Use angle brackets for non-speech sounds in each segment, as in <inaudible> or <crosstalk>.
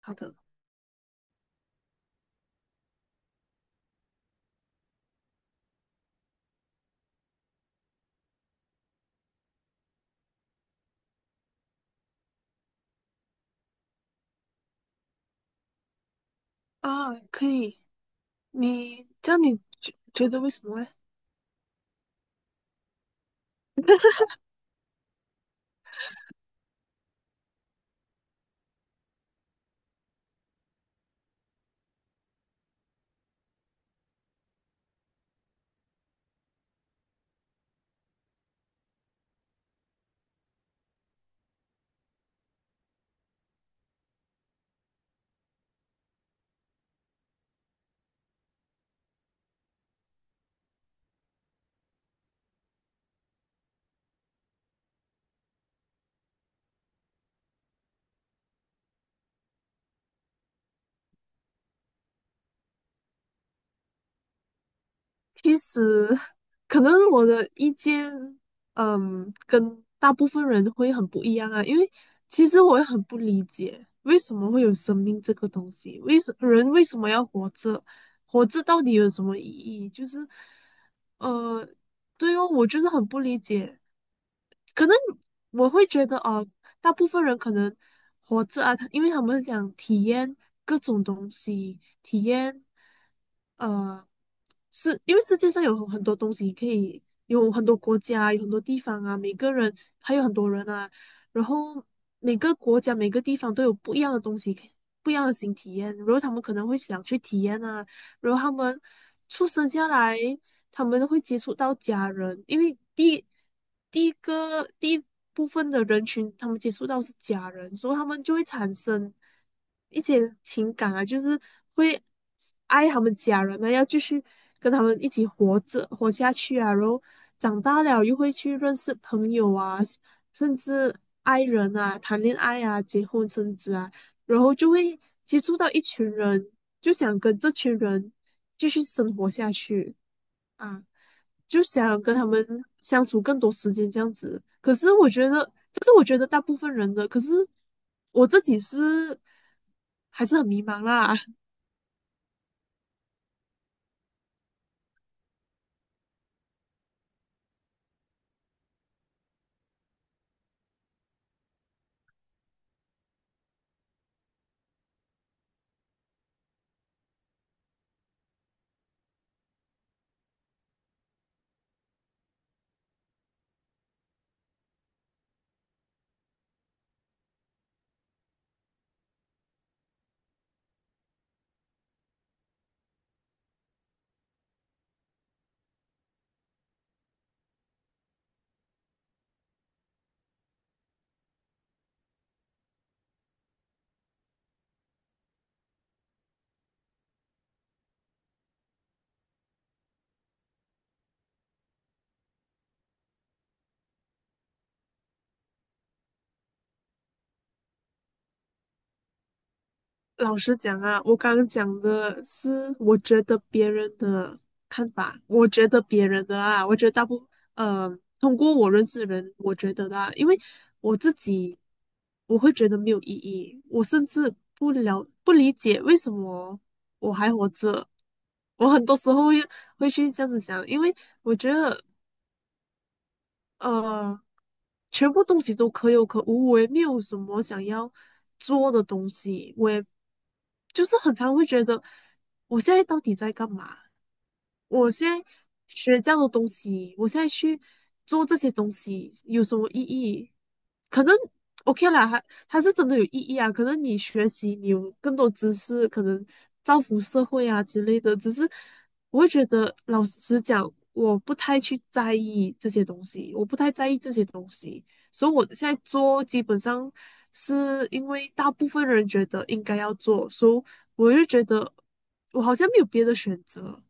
好的啊，可以。你这样你觉得为什么嘞？<laughs> 其实，可能我的意见，跟大部分人会很不一样啊。因为其实我也很不理解，为什么会有生命这个东西？为什么要活着？活着到底有什么意义？就是，呃，对哦，我就是很不理解。可能我会觉得哦，大部分人可能活着啊，他因为他们想体验各种东西，体验呃，是因为世界上有很多东西可以，有很多国家，有很多地方啊，每个人还有很多人啊，然后每个国家每个地方都有不一样的东西可以不一样的新体验，然后他们可能会想去体验啊，然后他们出生下来。他们会接触到家人，因为第一部分的人群，他们接触到是家人，所以他们就会产生一些情感啊，就是会爱他们家人啊，要继续跟他们一起活着活下去啊，然后长大了又会去认识朋友啊，甚至爱人啊，谈恋爱啊，结婚生子啊，然后就会接触到一群人，就想跟这群人继续生活下去啊。就想跟他们相处更多时间这样子。可是我觉得，这是我觉得大部分人的。可是我自己是还是很迷茫啦。<laughs> 老实讲啊，我刚刚讲的是我觉得别人的看法，我觉得别人的啊，我觉得呃，通过我认识的人，我觉得的啊，因为我自己我会觉得没有意义，我甚至不理解为什么我还活着，我很多时候会去这样子想，因为我觉得呃。全部东西都可有可无，我也没有什么想要做的东西，我也就是很常会觉得，我现在到底在干嘛？我现在学这样的东西，我现在去做这些东西有什么意义？可能 OK 啦，它是真的有意义啊。可能你学习，你有更多知识，可能造福社会啊之类的。只是我会觉得，老实讲，我不太去在意这些东西，我不太在意这些东西。所以我现在做基本上是因为大部分人觉得应该要做，所以我就觉得我好像没有别的选择，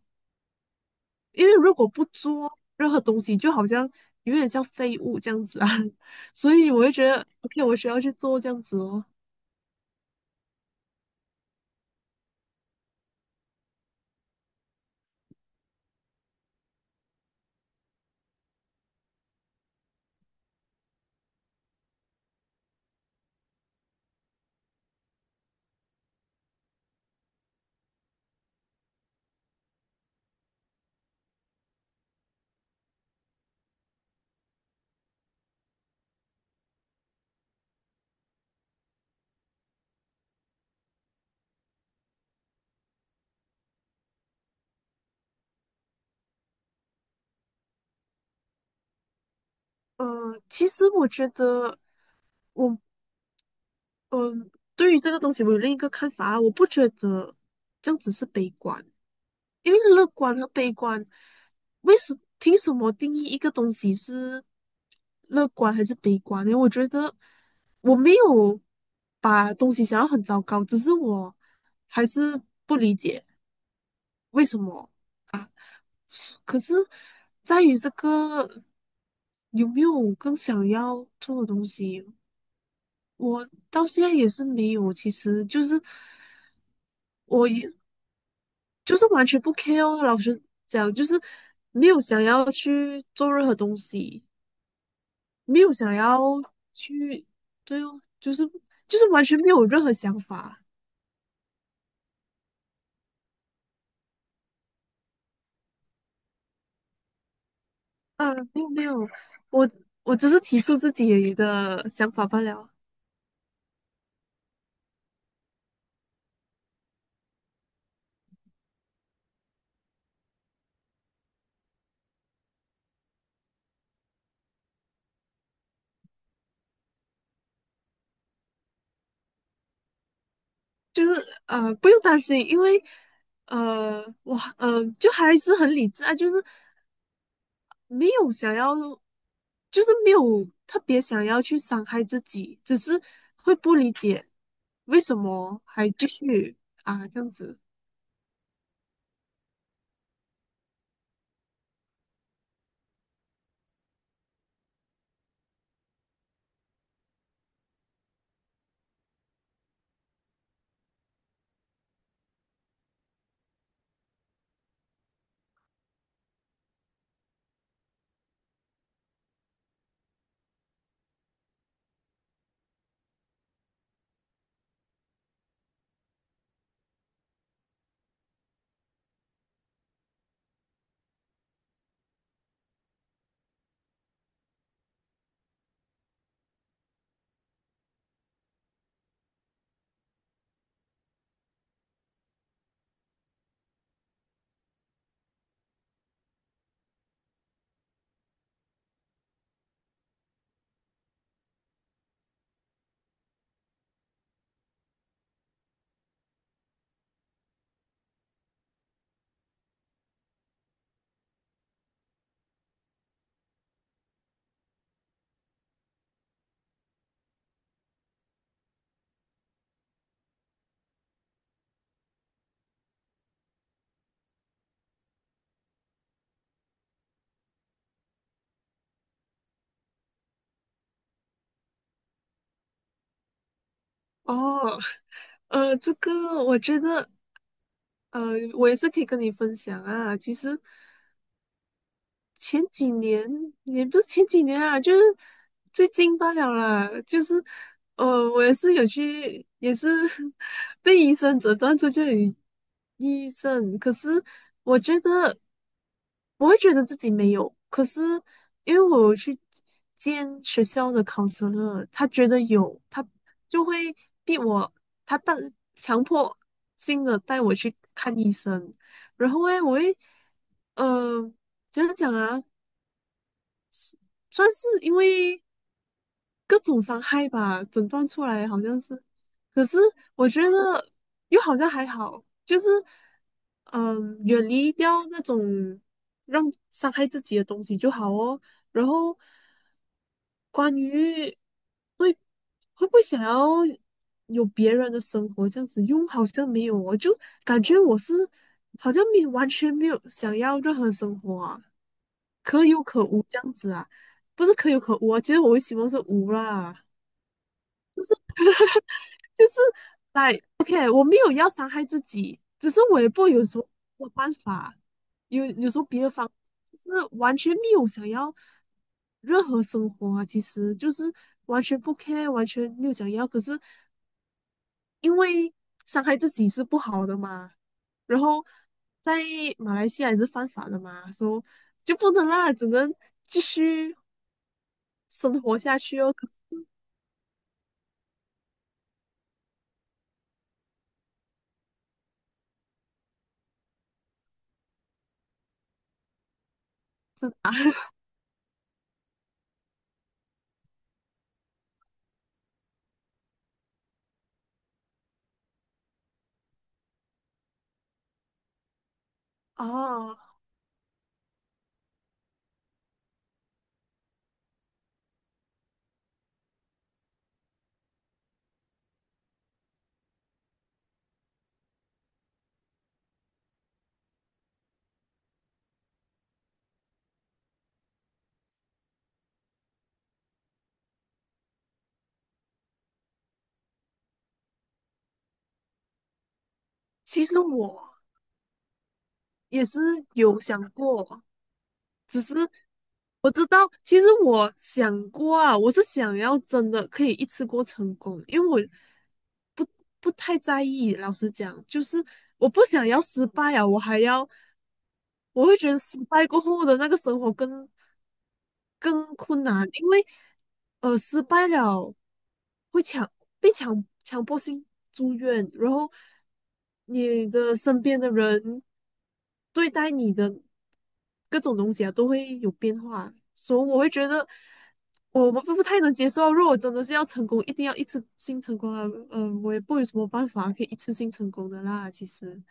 因为如果不做任何东西，就好像有点像废物这样子啊，<laughs> 所以我就觉得 OK,我需要去做这样子哦。嗯、其实我觉得我嗯、对于这个东西我有另一个看法啊，我不觉得这样子是悲观。因为乐观和悲观，凭什么定义一个东西是乐观还是悲观呢？我觉得我没有把东西想要很糟糕，只是我还是不理解为什么啊。是可是在于这个有没有更想要做的东西，我到现在也是没有。其实就是。我。就是完全不 care 哦，老实讲，就是没有想要去做任何东西，没有想要去，对哦，就是完全没有任何想法。嗯，没有,没有,我我只是提出自己的想法罢了。就是不用担心，因为就还是很理智啊，就是没有想要。就是没有特别想要去伤害自己，只是会不理解为什么还继续啊这样子。哦，<laughs> 这个我觉得，呃，我也是可以跟你分享啊。其实前几年也不是前几年啊，就是最近罢了啦。就是，呃，我也是有去，也是 <laughs> 被医生诊断出就有抑郁症。可是我觉得，我会觉得自己没有。可是因为我有去见学校的 counselor,他觉得有，他就会逼我，他带强迫性的带我去看医生。然后诶，我会。呃怎样讲啊？算是因为各种伤害吧，诊断出来好像是，可是我觉得又好像还好，就是嗯，远离掉那种让伤害自己的东西就好哦。然后关于会会不会想要有别人的生活这样子，又好像没有哦，我就感觉我是好像没有完全没有想要任何生活啊，可有可无这样子啊，不是可有可无啊，其实我会希望是无啦。就是来，OK,我没有要伤害自己，只是我也不有时候没有办法，有时候别的方就是完全没有想要任何生活啊，其实就是完全不 care,完全没有想要，可是因为伤害自己是不好的嘛，然后在马来西亚也是犯法的嘛，说就不能啦，只能继续生活下去哦。可是真的啊，哦，其实我也是有想过。只是我知道，其实我想过啊，我是想要真的可以一次过成功，因为我不不太在意。老实讲，就是我不想要失败啊，我还要，我会觉得失败过后的那个生活更困难，因为失败了会强被强迫性住院，然后你的身边的人对待你的各种东西啊，都会有变化，所以我会觉得我们不太能接受。如果真的是要成功，一定要一次性成功啊，我也不有什么办法可以一次性成功的啦。其实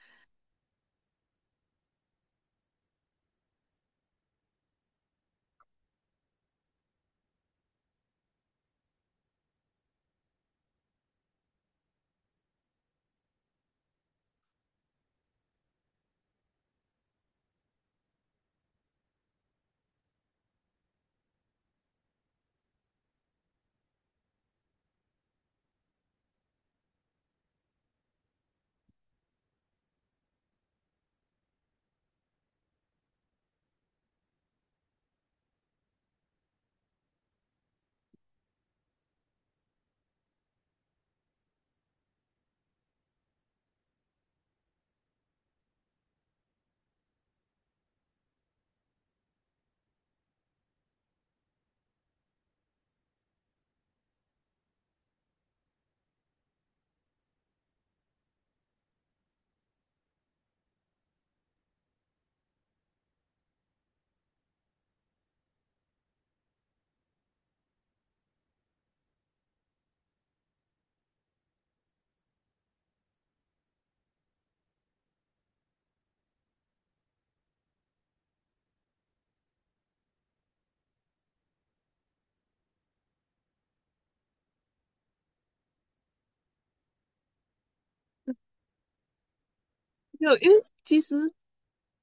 没有，因为其实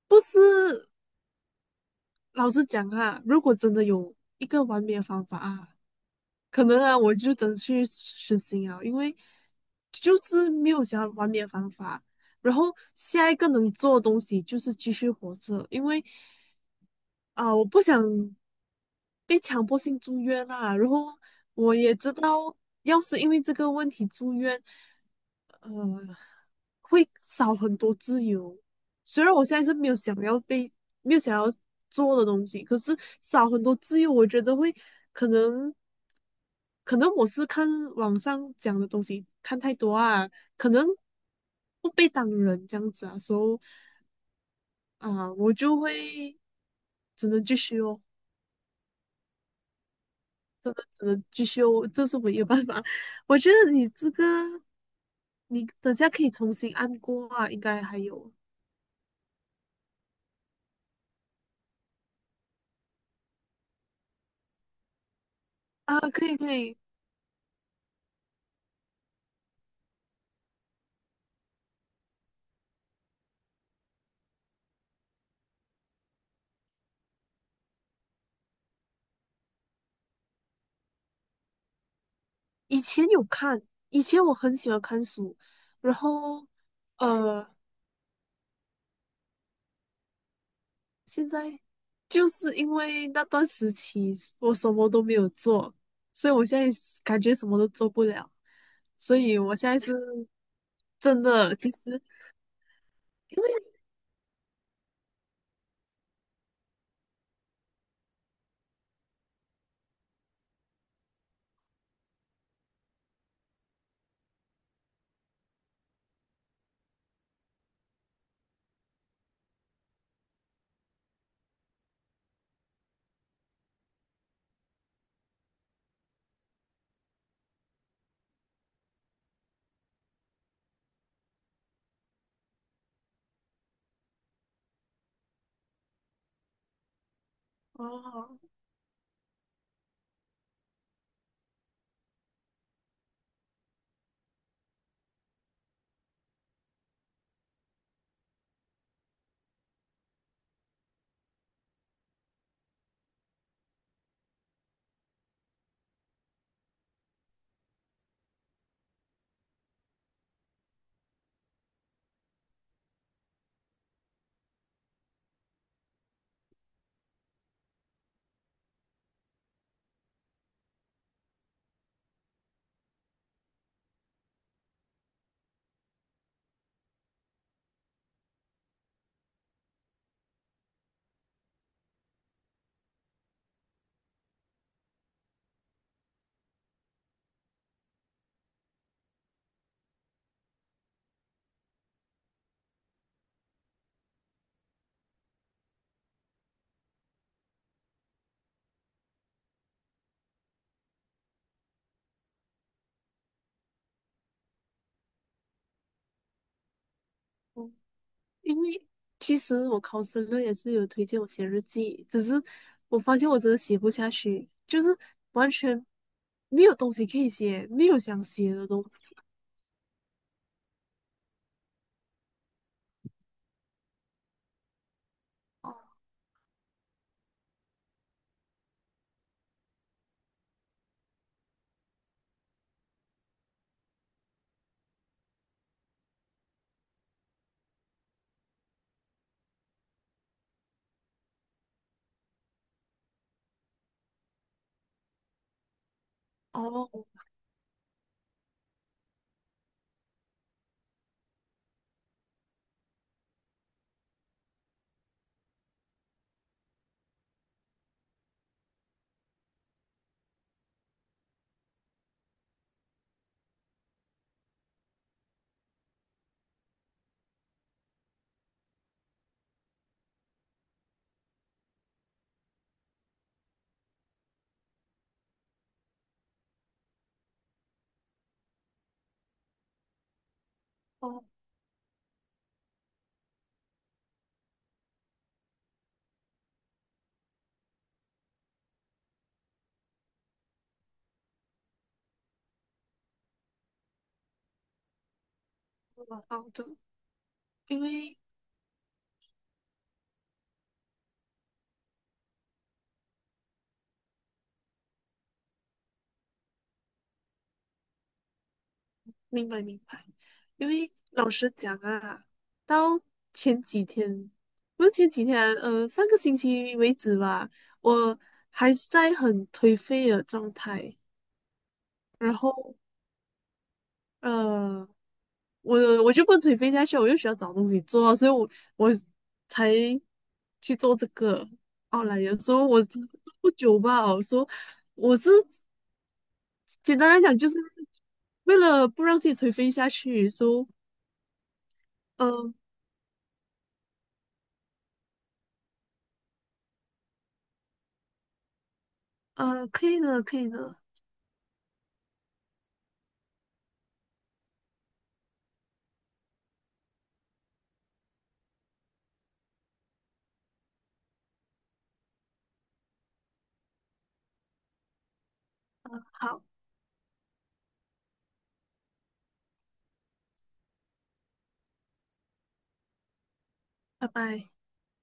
不是，老实讲啊，如果真的有一个完美的方法啊。可能啊，我就真的去实行啊，因为就是没有想要完美的方法。然后下一个能做的东西就是继续活着，因为啊、我不想被强迫性住院啦。然后我也知道，要是因为这个问题住院，呃，会少很多自由。虽然我现在是没有想要被没有想要做的东西，可是少很多自由，我觉得会可能。可能我是看网上讲的东西看太多啊，可能不被当人这样子啊，所以啊，我就会只能继续哦，真的只能继续哦，这是唯一的办法。<laughs> 我觉得你这个，你等下可以重新按过啊，应该还有啊，可以可以。以前有看，以前我很喜欢看书，然后嗯呃，现在就是因为那段时期我什么都没有做，所以我现在是感觉什么都做不了，所以我现在是真的，其实因为哦，嗯，因为其实我考生论也是有推荐我写日记，只是我发现我真的写不下去，就是完全没有东西可以写，没有想写的东西。哦哦哦，好的，因为明白明白，因为老实讲啊，到前几天，不是前几天上个星期为止吧，我还是在很颓废的状态，然后呃，我我就不能颓废下去，我又需要找东西做啊，所以我才去做这个。哦，来，有时候我真是做不久吧，我说我是简单来讲就是为了不让自己颓废下去，说。呃可以的，可以的，好，拜拜。